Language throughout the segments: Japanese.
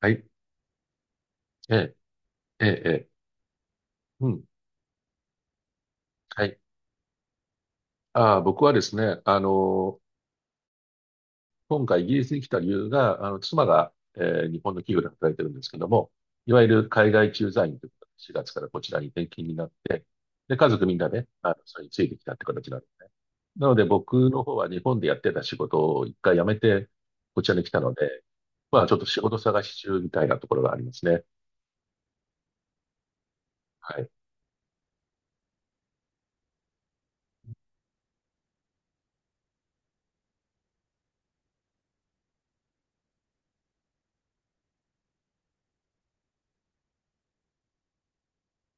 はい。ええ、ええ、ええ、うん。はい。ああ、僕はですね、今回イギリスに来た理由が、妻が、日本の企業で働いてるんですけども、いわゆる海外駐在員ということで、4月からこちらに転勤になって、で、家族みんなね、それについてきたって形なんですね。なので僕の方は日本でやってた仕事を一回辞めて、こちらに来たので、まあちょっと仕事探し中みたいなところがありますね。はい。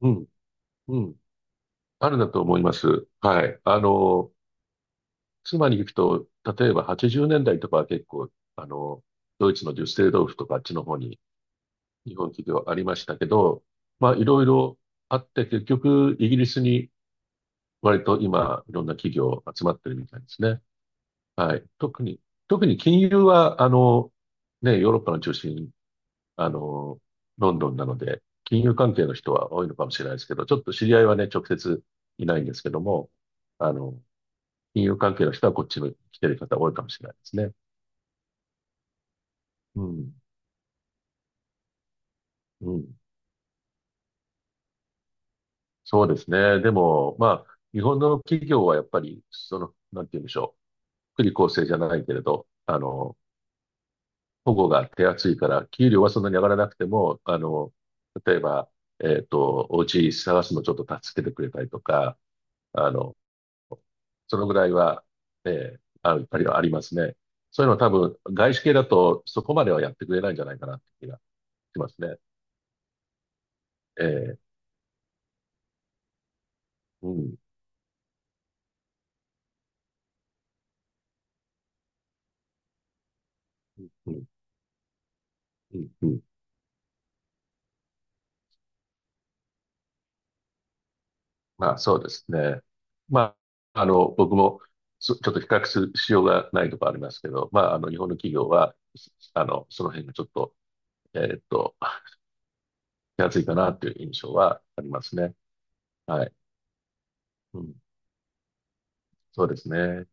うん、うん。あるんだと思います。はい。妻に行くと、例えば80年代とかは結構、ドイツのデュッセルドルフとかあっちの方に日本企業ありましたけど、まあいろいろあって結局イギリスに割と今いろんな企業集まってるみたいですね。はい。特に金融はね、ヨーロッパの中心、あの、ロンドンなので、金融関係の人は多いのかもしれないですけど、ちょっと知り合いはね、直接いないんですけども、あの、金融関係の人はこっちに来てる方多いかもしれないですね。うん、うん、そうですね。でも、まあ、日本の企業はやっぱり、なんて言うんでしょう。福利厚生じゃないけれど、保護が手厚いから、給料はそんなに上がらなくても、例えば、お家探すのちょっと助けてくれたりとか、あの、そのぐらいは、ええ、やっぱりありますね。そういうのは多分、外資系だとそこまではやってくれないんじゃないかなって気がしますね。ええ、うん、うん、うん、うん。まあ、そうですね。まあ、僕も、ちょっと比較するしようがないところありますけど、まあ、日本の企業は、すあの、その辺がちょっと、えーっと、手厚いかなという印象はありますね。はい。うん。そうですね。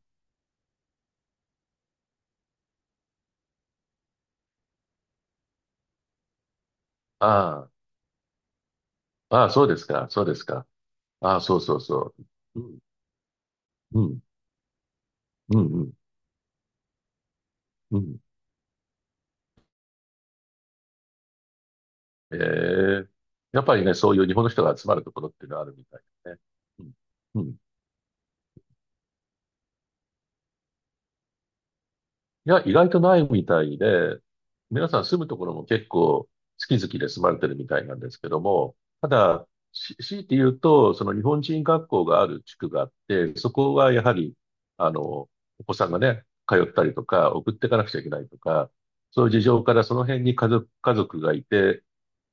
ああ、ああ、そうですか。そうですか。ああ、そうそうそう。うん、うん、うん、うん、うん、ええ、やっぱりね、そういう日本の人が集まるところっていうのはあるみたいですね。うん、うん、いや、意外とないみたいで、皆さん住むところも結構好き好きで住まれてるみたいなんですけども、ただ、強いて言うと、その日本人学校がある地区があって、そこはやはり、あの、お子さんがね、通ったりとか、送っていかなくちゃいけないとか、そういう事情からその辺に家族がいて、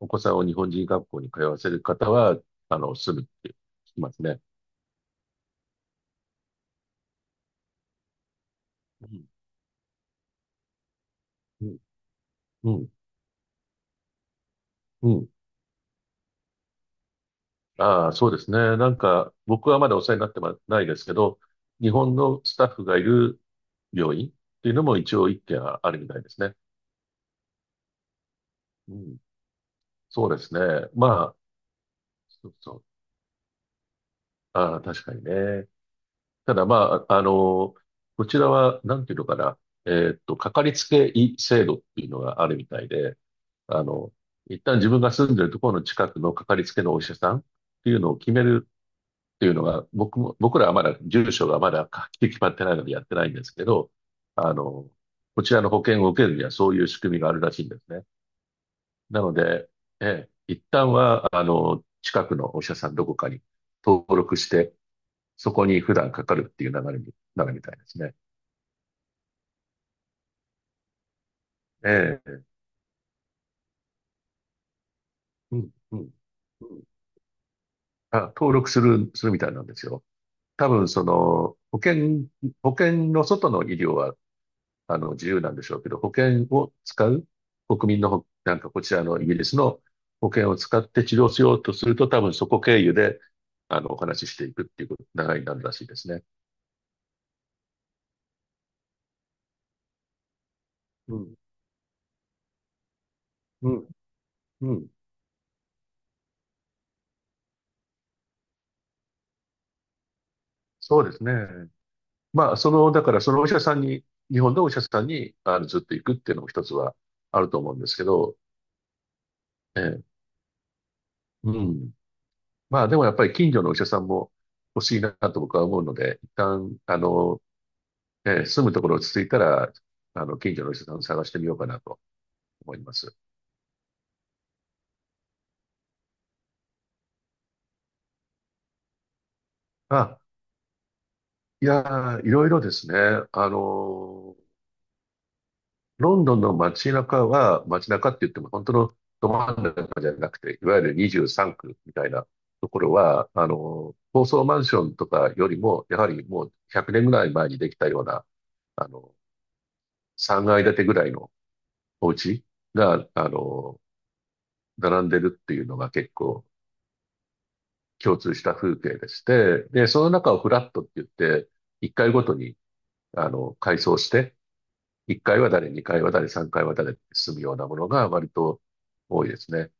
お子さんを日本人学校に通わせる方は、住むって聞きますね。うん、うん、うん、うん、ああ、そうですね。なんか、僕はまだお世話になってまないですけど、日本のスタッフがいる病院っていうのも一応一軒あるみたいですね。うん、そうですね。まあ、そうそう。ああ、確かにね。ただまあ、こちらは、なんていうのかな。かかりつけ医制度っていうのがあるみたいで、あの、一旦自分が住んでるところの近くのかかりつけのお医者さんっていうのを決めるっていうのが、僕らはまだ、住所がまだはっきり決まってないのでやってないんですけど、あの、こちらの保険を受けるにはそういう仕組みがあるらしいんですね。なので、ええ、一旦は、近くのお医者さんどこかに登録して、そこに普段かかるっていう流れになるみたいですね。ええ、うん、うん、うん。あ、登録するみたいなんですよ。多分、保険の外の医療は自由なんでしょうけど、保険を使う、国民のほ、なんかこちらのイギリスの保険を使って治療しようとすると、多分そこ経由で、お話ししていくっていう流れになるらしいですね。うん、うん、うん。そうですね。まあ、だからそのお医者さんに、日本のお医者さんに、ずっと行くっていうのも一つはあると思うんですけど、ええ、うん。まあ、でもやっぱり近所のお医者さんも欲しいなと僕は思うので、一旦、住むところ落ち着いたら、近所の人さん探してみようかなと思います。あ、いやー、いろいろですね。あのーロンドンの街中は、街中って言っても本当のど真ん中じゃなくて、いわゆる23区みたいなところは、高層マンションとかよりも、やはりもう100年ぐらい前にできたような、あの、3階建てぐらいのお家が、並んでるっていうのが結構共通した風景でして、で、その中をフラットって言って、1回ごとに、階層して、1回は誰、2回は誰、3回は誰って進むようなものが割と多いですね。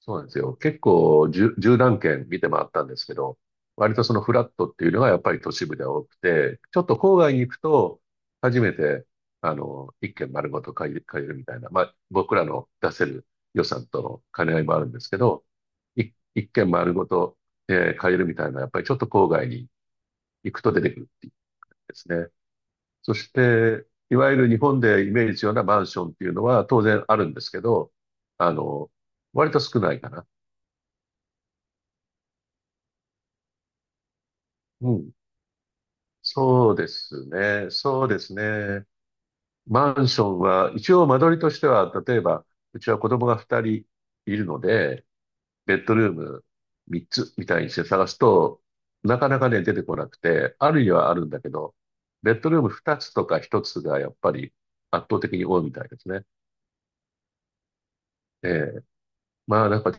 そうなんですよ。結構十何軒見て回ったんですけど、割とそのフラットっていうのがやっぱり都市部では多くて、ちょっと郊外に行くと、初めて、一軒丸ごと借りるみたいな、まあ、僕らの出せる予算との兼ね合いもあるんですけど、一軒丸ごと、借りるみたいな、やっぱりちょっと郊外に行くと出てくるっていうですね。そして、いわゆる日本でイメージするようなマンションっていうのは当然あるんですけど、あの、割と少ないかな。うん。そうですね。そうですね。マンションは、一応間取りとしては、例えば、うちは子供が2人いるので、ベッドルーム3つみたいにして探すと、なかなかね、出てこなくて、あるにはあるんだけど、ベッドルーム2つとか1つがやっぱり圧倒的に多いみたいですね。ええ。まあ、なんか、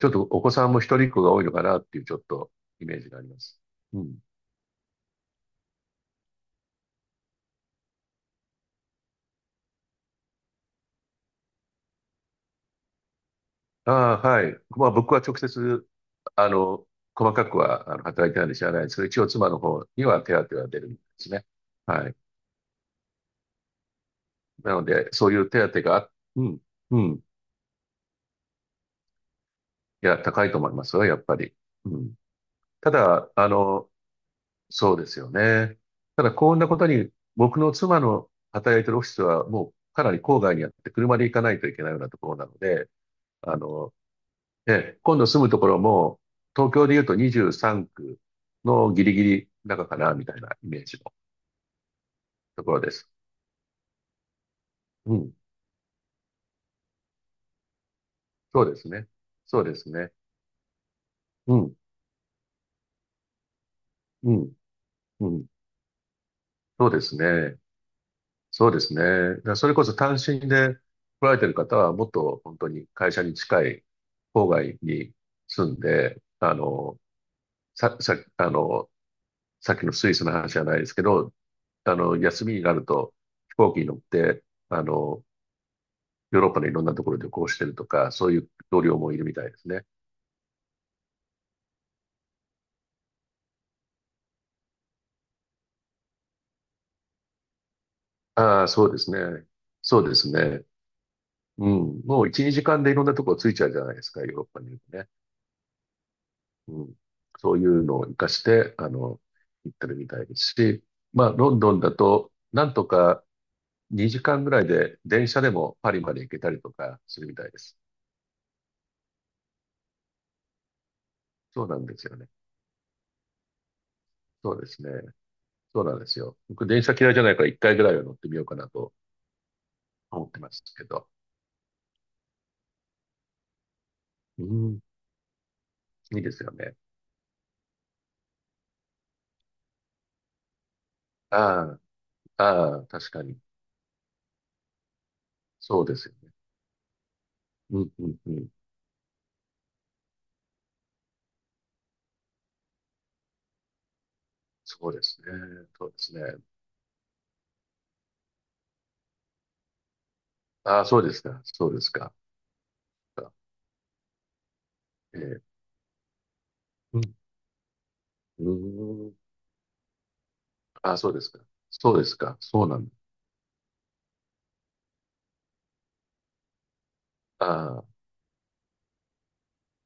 ちょっとお子さんも一人っ子が多いのかなっていう、ちょっとイメージがあります。うん。ああ、はい。まあ僕は直接、あの、細かくは働いてないんで知らないですけど、一応妻の方には手当は出るんですね。はい。なので、そういう手当があ、うん、うん。いや、高いと思いますよ、やっぱり。うん。ただ、そうですよね。ただ、こんなことに、僕の妻の働いてるオフィスはもうかなり郊外にあって、車で行かないといけないようなところなので、あの、で、今度住むところも、東京で言うと23区のギリギリ中かな、みたいなイメージのところです。うん。そうですね。そうですね。うん。うん。うん。そうですね。そうですね。だからそれこそ単身で来られてる方は、もっと本当に会社に近い郊外に住んで、さ、さ、あの、さっきのスイスの話じゃないですけど、休みになると飛行機に乗って、あの、ヨーロッパのいろんなところで旅行してるとか、そういう同僚もいるみたいですね。ああ、そうですね。そうですね。うん。もう1、2時間でいろんなところついちゃうじゃないですか、ヨーロッパにいるとね。うん。そういうのを活かして、行ってるみたいですし、まあ、ロンドンだと、なんとか2時間ぐらいで電車でもパリまで行けたりとかするみたいです。そうなんですよね。そうですね。そうなんですよ。僕、電車嫌いじゃないから1回ぐらいは乗ってみようかなと思ってますけど。うん。いいですよね。ああ。ああ、確かに。そうですよね。うん、うん、うん。そうですね。そうですね。ああ、そうですか。そうですか。ええ、うん、うーん。ああ、そうですか。そうですか。そうなんだ。ああ、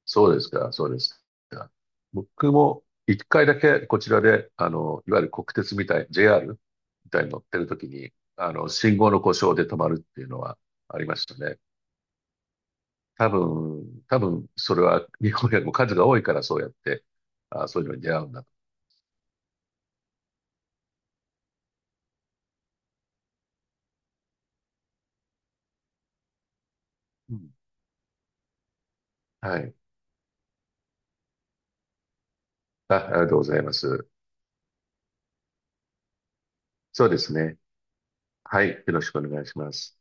そうですか。そうですか。僕も一回だけこちらで、いわゆる国鉄みたい、JR みたいに乗ってるときに、信号の故障で止まるっていうのはありましたね。多分、それは日本よりも数が多いからそうやって、そういうのに出会うんだと。はい。あ、ありがとうございます。そうですね。はい。よろしくお願いします。